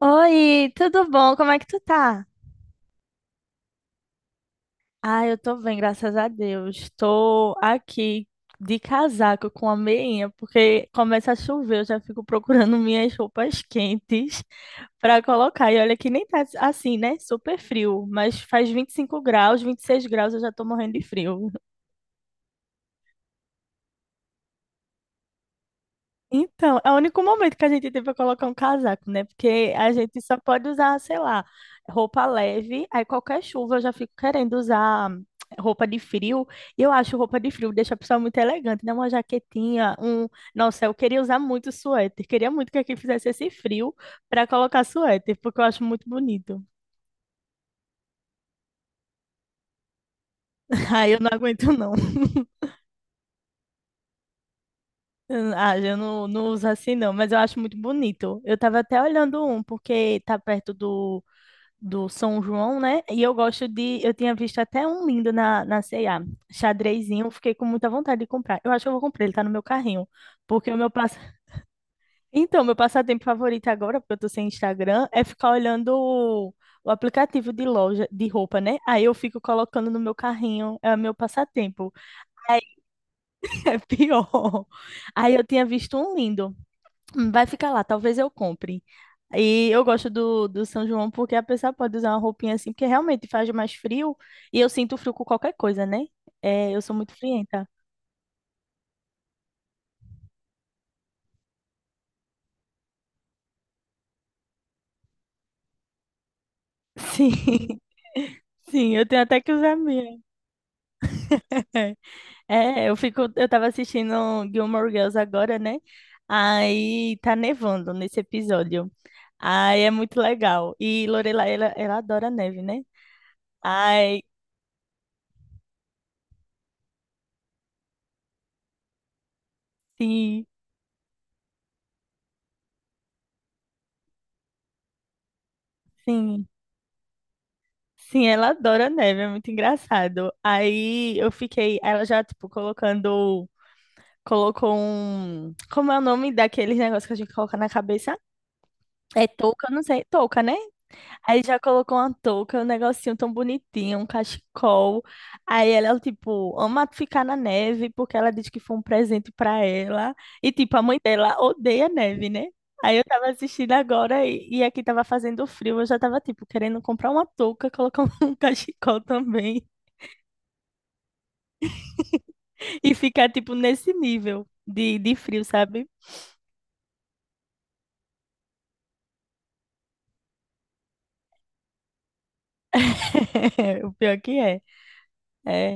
Oi, tudo bom? Como é que tu tá? Ah, eu tô bem, graças a Deus. Tô aqui de casaco com a meinha, porque começa a chover, eu já fico procurando minhas roupas quentes pra colocar. E olha que nem tá assim, né? Super frio, mas faz 25 graus, 26 graus, eu já tô morrendo de frio. Então, é o único momento que a gente tem para colocar um casaco, né? Porque a gente só pode usar, sei lá, roupa leve. Aí qualquer chuva eu já fico querendo usar roupa de frio. E eu acho roupa de frio deixa a pessoa muito elegante, né? Uma jaquetinha, um. Nossa, eu queria usar muito suéter. Queria muito que aqui fizesse esse frio para colocar suéter, porque eu acho muito bonito. Aí eu não aguento, não. Ah, eu não uso assim, não, mas eu acho muito bonito. Eu tava até olhando um, porque tá perto do São João, né? E eu gosto de. Eu tinha visto até um lindo na C&A, xadrezinho. Fiquei com muita vontade de comprar. Eu acho que eu vou comprar, ele tá no meu carrinho. Porque o meu passa... Então, meu passatempo favorito agora, porque eu tô sem Instagram, é ficar olhando o aplicativo de loja de roupa, né? Aí eu fico colocando no meu carrinho, é o meu passatempo. Aí é pior. Aí eu tinha visto um lindo. Vai ficar lá, talvez eu compre. E eu gosto do, do São João porque a pessoa pode usar uma roupinha assim, porque realmente faz mais frio e eu sinto frio com qualquer coisa, né? É, eu sou muito frienta. Sim, sim, eu tenho até que usar a minha. É, eu fico, eu tava assistindo Gilmore Girls agora, né? Aí tá nevando nesse episódio. Aí é muito legal. E Lorelai, ela adora neve, né? Ai, sim, sim. Sim, ela adora neve, é muito engraçado. Aí eu fiquei, ela já, tipo, colocando, colocou um, como é o nome daqueles negócios que a gente coloca na cabeça? É touca, não sei, touca, né? Aí já colocou uma touca, um negocinho tão bonitinho, um cachecol. Aí ela, tipo, ama ficar na neve, porque ela diz que foi um presente pra ela. E, tipo, a mãe dela odeia neve, né? Aí eu tava assistindo agora e aqui tava fazendo frio. Eu já tava, tipo, querendo comprar uma touca, colocar um cachecol também. E ficar, tipo, nesse nível de frio, sabe? O pior que é. É,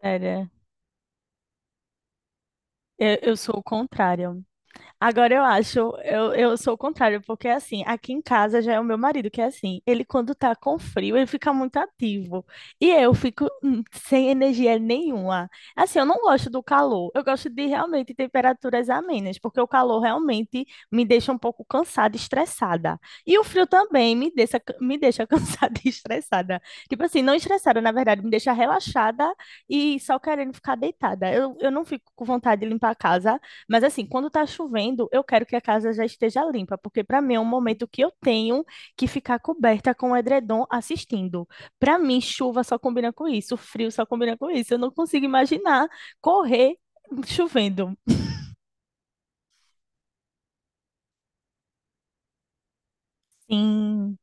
sério. É. Eu sou o contrário. Agora eu acho, eu sou o contrário, porque assim, aqui em casa já é o meu marido que é assim, ele quando tá com frio, ele fica muito ativo. E eu fico sem energia nenhuma. Assim, eu não gosto do calor, eu gosto de realmente temperaturas amenas, porque o calor realmente me deixa um pouco cansada e estressada. E o frio também me deixa cansada e estressada. Tipo assim, não estressada, na verdade, me deixa relaxada e só querendo ficar deitada. Eu não fico com vontade de limpar a casa. Mas assim, quando tá chovendo, eu quero que a casa já esteja limpa, porque para mim é um momento que eu tenho que ficar coberta com o edredom assistindo. Para mim, chuva só combina com isso, frio só combina com isso. Eu não consigo imaginar correr chovendo. Sim,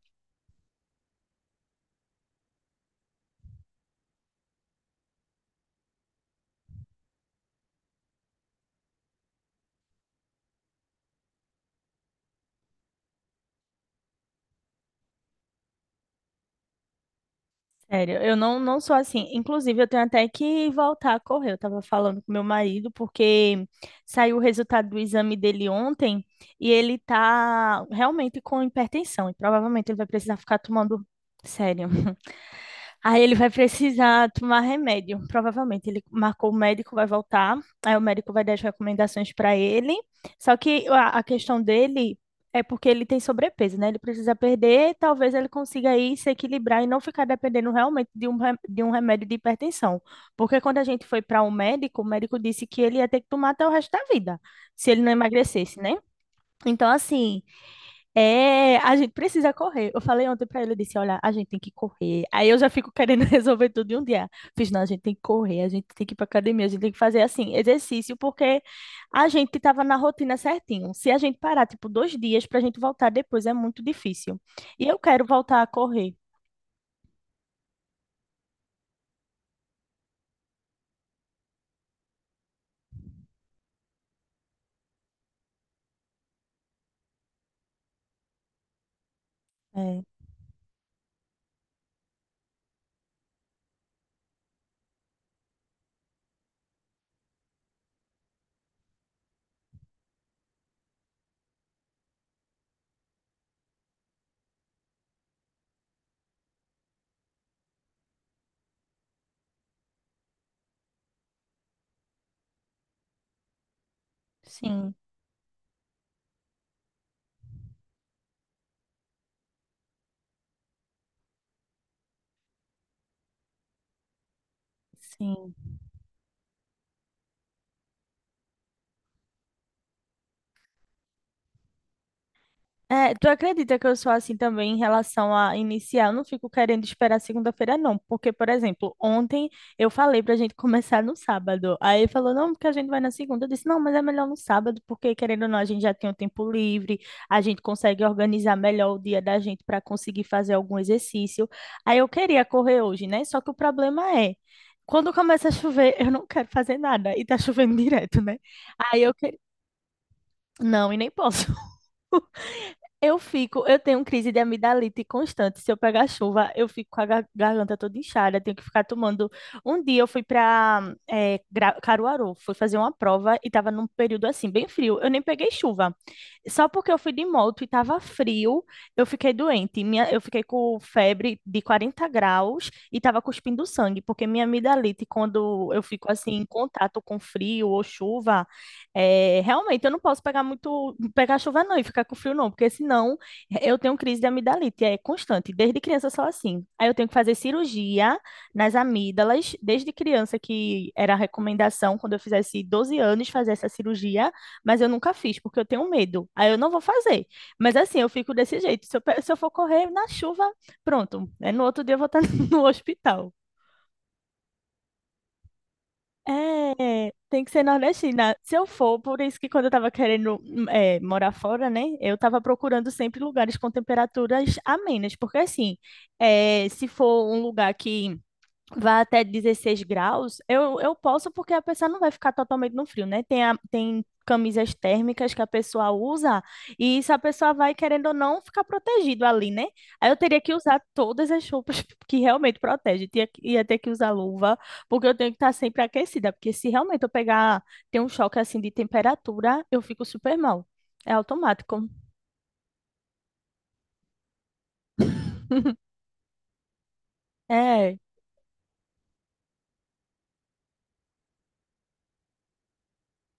sério, eu não sou assim. Inclusive, eu tenho até que voltar a correr. Eu tava falando com meu marido, porque saiu o resultado do exame dele ontem e ele tá realmente com hipertensão e provavelmente ele vai precisar ficar tomando. Sério. Aí ele vai precisar tomar remédio. Provavelmente ele marcou o médico, vai voltar. Aí o médico vai dar as recomendações para ele. Só que a questão dele é porque ele tem sobrepeso, né? Ele precisa perder. Talvez ele consiga aí se equilibrar e não ficar dependendo realmente de um remédio de hipertensão. Porque quando a gente foi para o médico disse que ele ia ter que tomar até o resto da vida, se ele não emagrecesse, né? Então, assim. É, a gente precisa correr. Eu falei ontem pra ele, eu disse, olha, a gente tem que correr. Aí eu já fico querendo resolver tudo em um dia. Fiz, não, a gente tem que correr, a gente tem que ir pra academia, a gente tem que fazer assim, exercício, porque a gente tava na rotina certinho. Se a gente parar, tipo, 2 dias pra gente voltar depois, é muito difícil. E eu quero voltar a correr. É, sim, sim. É, tu acredita que eu sou assim também em relação a iniciar? Eu não fico querendo esperar segunda-feira, não. Porque, por exemplo, ontem eu falei pra gente começar no sábado. Aí falou, não, porque a gente vai na segunda. Eu disse, não, mas é melhor no sábado, porque querendo ou não, a gente já tem o tempo livre, a gente consegue organizar melhor o dia da gente para conseguir fazer algum exercício. Aí eu queria correr hoje, né? Só que o problema é, quando começa a chover, eu não quero fazer nada. E tá chovendo direto, né? Aí eu queria. Não, e nem posso. Eu fico, eu tenho crise de amidalite constante. Se eu pegar chuva, eu fico com a garganta toda inchada, tenho que ficar tomando. Um dia eu fui para Caruaru, fui fazer uma prova e estava num período assim, bem frio. Eu nem peguei chuva. Só porque eu fui de moto e estava frio, eu fiquei doente. Minha, eu fiquei com febre de 40 graus e estava cuspindo sangue, porque minha amidalite, quando eu fico assim em contato com frio ou chuva, é, realmente, eu não posso pegar muito, pegar chuva não e ficar com frio não, porque senão eu tenho crise de amidalite, é constante, desde criança só assim. Aí eu tenho que fazer cirurgia nas amígdalas, desde criança que era a recomendação, quando eu fizesse 12 anos, fazer essa cirurgia, mas eu nunca fiz, porque eu tenho medo. Aí eu não vou fazer. Mas assim, eu fico desse jeito, se eu, se eu for correr na chuva, pronto, é, no outro dia eu vou estar no hospital. É, tem que ser nordestina. Se eu for, por isso que quando eu tava querendo morar fora, né? Eu tava procurando sempre lugares com temperaturas amenas, porque assim, é, se for um lugar que vá até 16 graus, eu posso porque a pessoa não vai ficar totalmente no frio, né? Tem, tem camisas térmicas que a pessoa usa e isso a pessoa vai, querendo ou não, ficar protegido ali, né? Aí eu teria que usar todas as roupas que realmente protegem. Tinha, ia ter que usar luva, porque eu tenho que estar sempre aquecida, porque se realmente eu pegar, ter um choque assim de temperatura, eu fico super mal. É automático. É.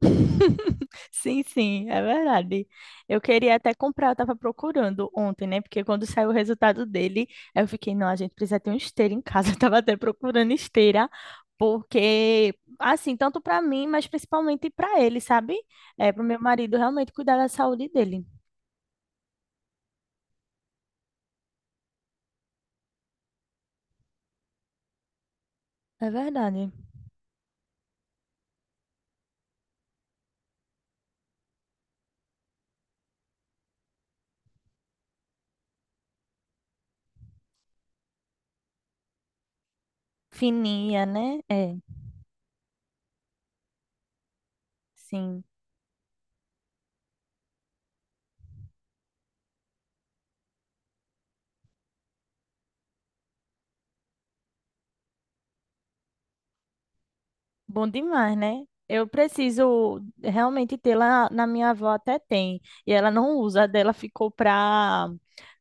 Sim, sim, é verdade. Eu queria até comprar, eu tava procurando ontem, né? Porque quando saiu o resultado dele, eu fiquei, não, a gente precisa ter uma esteira em casa. Eu tava até procurando esteira, porque, assim, tanto para mim, mas principalmente para ele, sabe? É, pro meu marido realmente cuidar da saúde dele. É verdade. Fininha, né? É, sim. Bom demais, né? Eu preciso realmente ter lá na minha avó até tem. E ela não usa, a dela ficou pra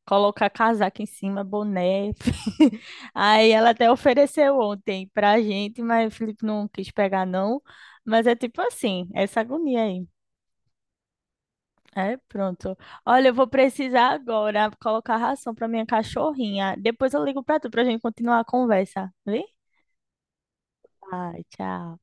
colocar casaco em cima, boné. Aí ela até ofereceu ontem pra gente, mas o Felipe não quis pegar, não. Mas é tipo assim, essa agonia aí. É, pronto. Olha, eu vou precisar agora colocar ração pra minha cachorrinha. Depois eu ligo pra tu pra gente continuar a conversa, viu? Ai, tchau.